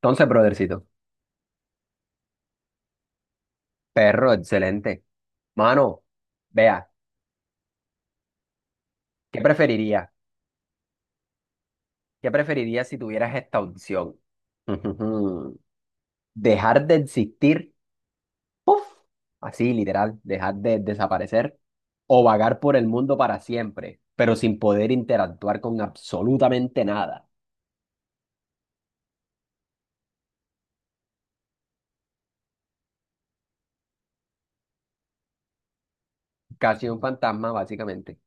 Entonces, brothercito, perro, excelente. Mano, vea, ¿qué preferiría? ¿Qué preferiría si tuvieras esta opción? ¡Ujujú! ¿Dejar de existir? ¡Puf! Así, literal, dejar de desaparecer o vagar por el mundo para siempre, pero sin poder interactuar con absolutamente nada. Casi un fantasma, básicamente.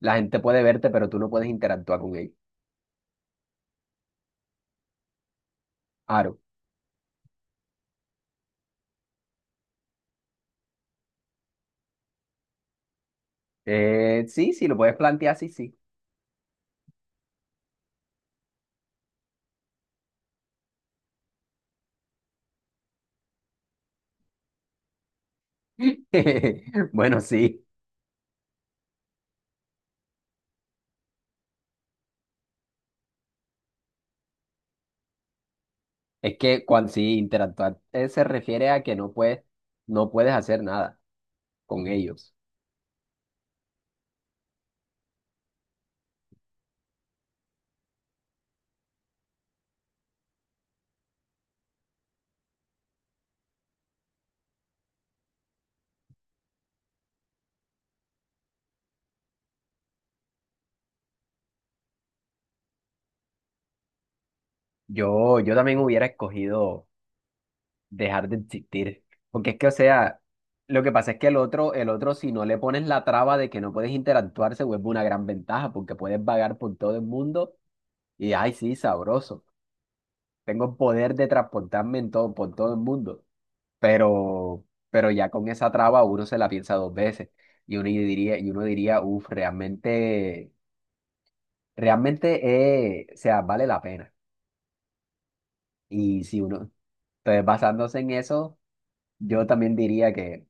La gente puede verte, pero tú no puedes interactuar con ellos. Aro. Sí, sí, lo puedes plantear, sí, sí. Bueno, sí. Es que cuando sí interactuar se refiere a que no puedes, no puedes hacer nada con ellos. Yo también hubiera escogido dejar de existir. Porque es que, o sea, lo que pasa es que el otro, si no le pones la traba de que no puedes interactuar, se vuelve una gran ventaja, porque puedes vagar por todo el mundo y ay, sí, sabroso. Tengo el poder de transportarme en todo, por todo el mundo. Pero ya con esa traba uno se la piensa dos veces. Y uno diría, uff, realmente. Realmente, o sea, vale la pena. Y si uno, entonces basándose en eso, yo también diría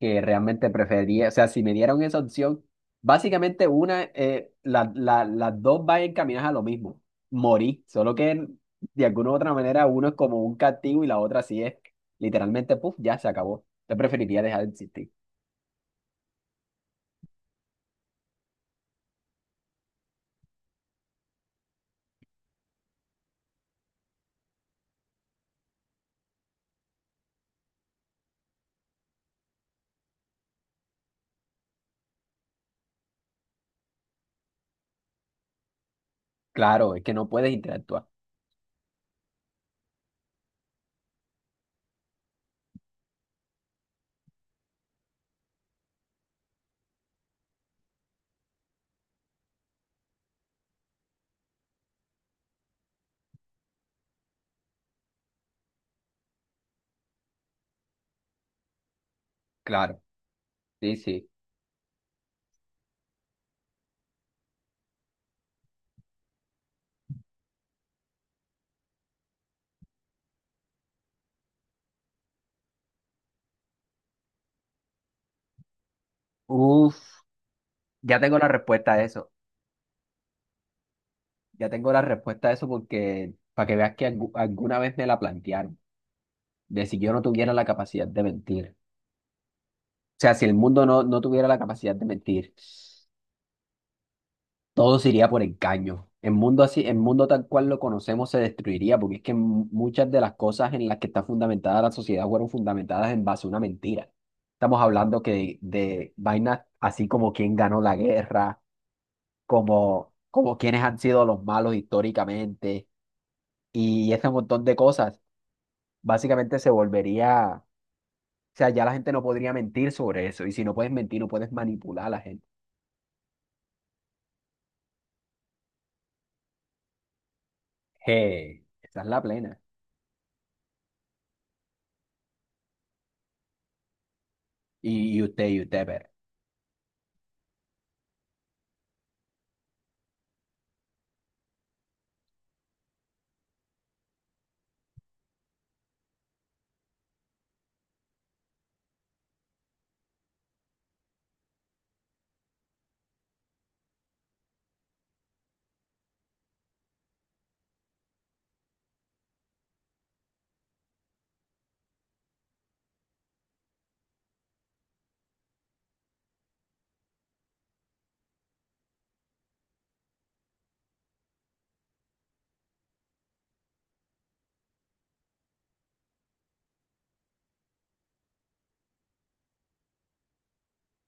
que realmente preferiría, o sea, si me dieran esa opción, básicamente una, las dos van encaminadas a lo mismo, morir, solo que de alguna u otra manera uno es como un castigo y la otra sí es literalmente, puff, ya se acabó. Yo preferiría dejar de existir. Claro, es que no puedes interactuar. Claro, sí, sí. Uf, ya tengo la respuesta a eso. Ya tengo la respuesta a eso porque para que veas que alguna vez me la plantearon, de si yo no tuviera la capacidad de mentir. O sea, si el mundo no tuviera la capacidad de mentir, todo se iría por engaño. El mundo así, el mundo tal cual lo conocemos se destruiría, porque es que muchas de las cosas en las que está fundamentada la sociedad fueron fundamentadas en base a una mentira. Estamos hablando que de vainas así como quién ganó la guerra, como quiénes han sido los malos históricamente y ese montón de cosas. Básicamente se volvería, o sea, ya la gente no podría mentir sobre eso. Y si no puedes mentir, no puedes manipular a la gente. Hey, esa es la plena. Y usted, pero.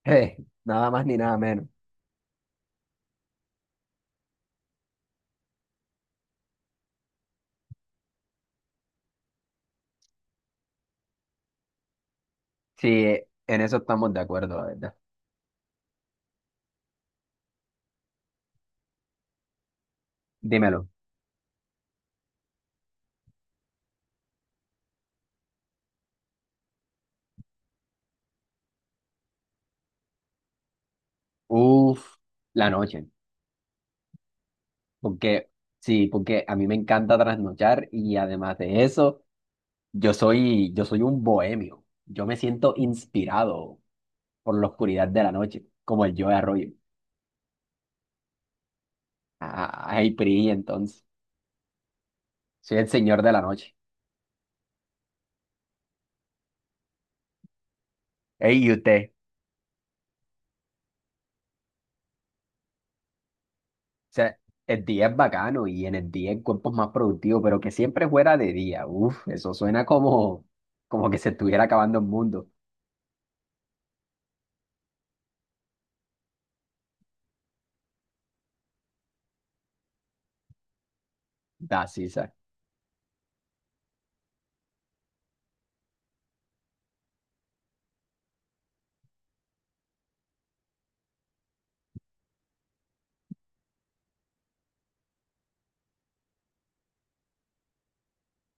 Eh, nada más ni nada menos. Sí, en eso estamos de acuerdo, la verdad. Dímelo. Uf, la noche. Porque, sí, porque a mí me encanta trasnochar y además de eso, yo soy un bohemio. Yo me siento inspirado por la oscuridad de la noche, como el yo de Arroyo. PRI, entonces. Soy el señor de la noche. Ey, ¿y usted? O sea, el día es bacano y en el día el cuerpo es más productivo, pero que siempre fuera de día. Uf, eso suena como, como que se estuviera acabando el mundo. Da, sí,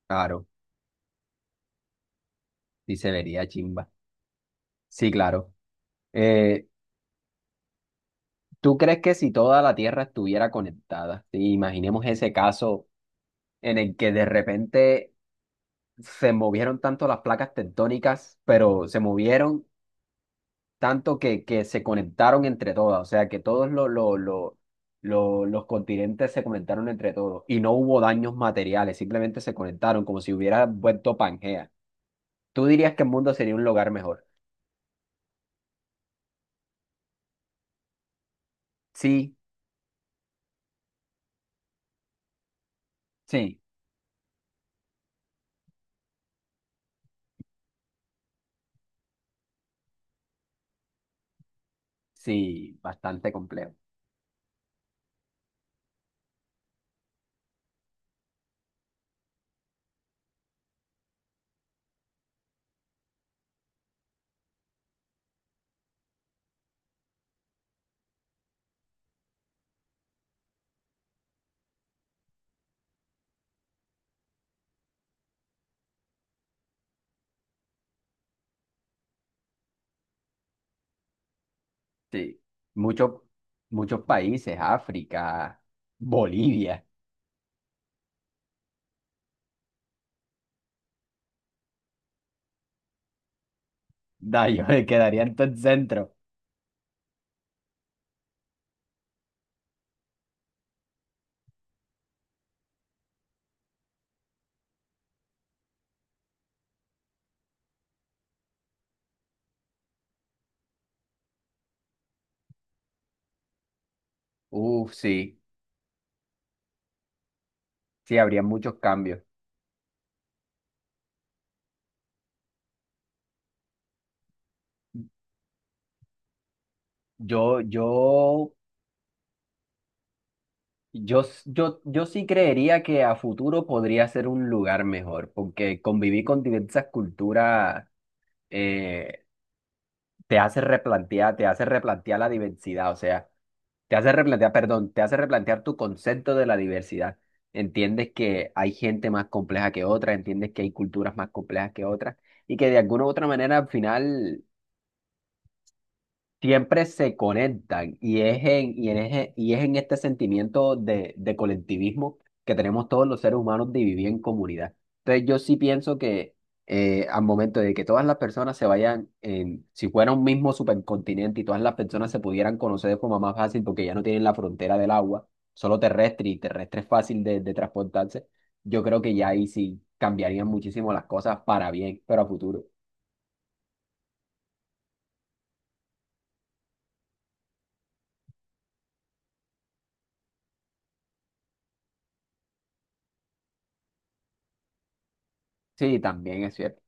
claro. Y se vería chimba. Sí, claro. Eh, ¿Tú crees que si toda la Tierra estuviera conectada? Sí, imaginemos ese caso en el que de repente se movieron tanto las placas tectónicas, pero se movieron tanto que se conectaron entre todas, o sea, que todos lo- los continentes se conectaron entre todos y no hubo daños materiales, simplemente se conectaron como si hubiera vuelto Pangea. ¿Tú dirías que el mundo sería un lugar mejor? Sí, sí, sí, bastante complejo. Sí, muchos, muchos países, África, Bolivia. Da, yo me quedaría en todo el centro. Uf, sí, sí, habría muchos cambios. Yo, yo yo sí creería que a futuro podría ser un lugar mejor, porque convivir con diversas culturas eh, te hace replantear la diversidad, o sea, te hace replantear, perdón, te hace replantear tu concepto de la diversidad. Entiendes que hay gente más compleja que otra, entiendes que hay culturas más complejas que otras, y que de alguna u otra manera al final siempre se conectan y es en, y en, eje- y es en este sentimiento de colectivismo que tenemos todos los seres humanos de vivir en comunidad. Entonces yo sí pienso que al momento de que todas las personas se vayan, en, si fuera un mismo supercontinente y todas las personas se pudieran conocer de forma más fácil porque ya no tienen la frontera del agua, solo terrestre y terrestre es fácil de transportarse, yo creo que ya ahí sí cambiarían muchísimo las cosas para bien, pero a futuro. Sí, también es cierto.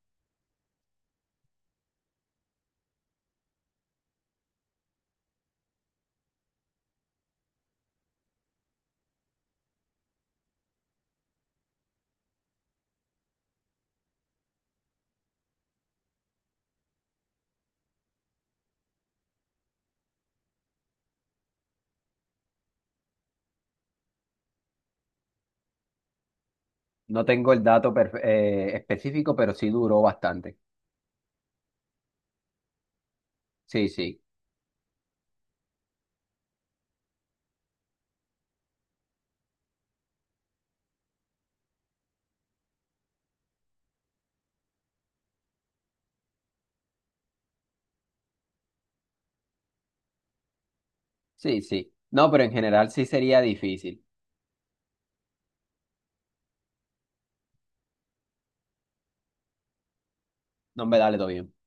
No tengo el dato específico, pero sí duró bastante. Sí, sí, sí, sí. No, pero en general sí sería difícil. No, me dale todo bien.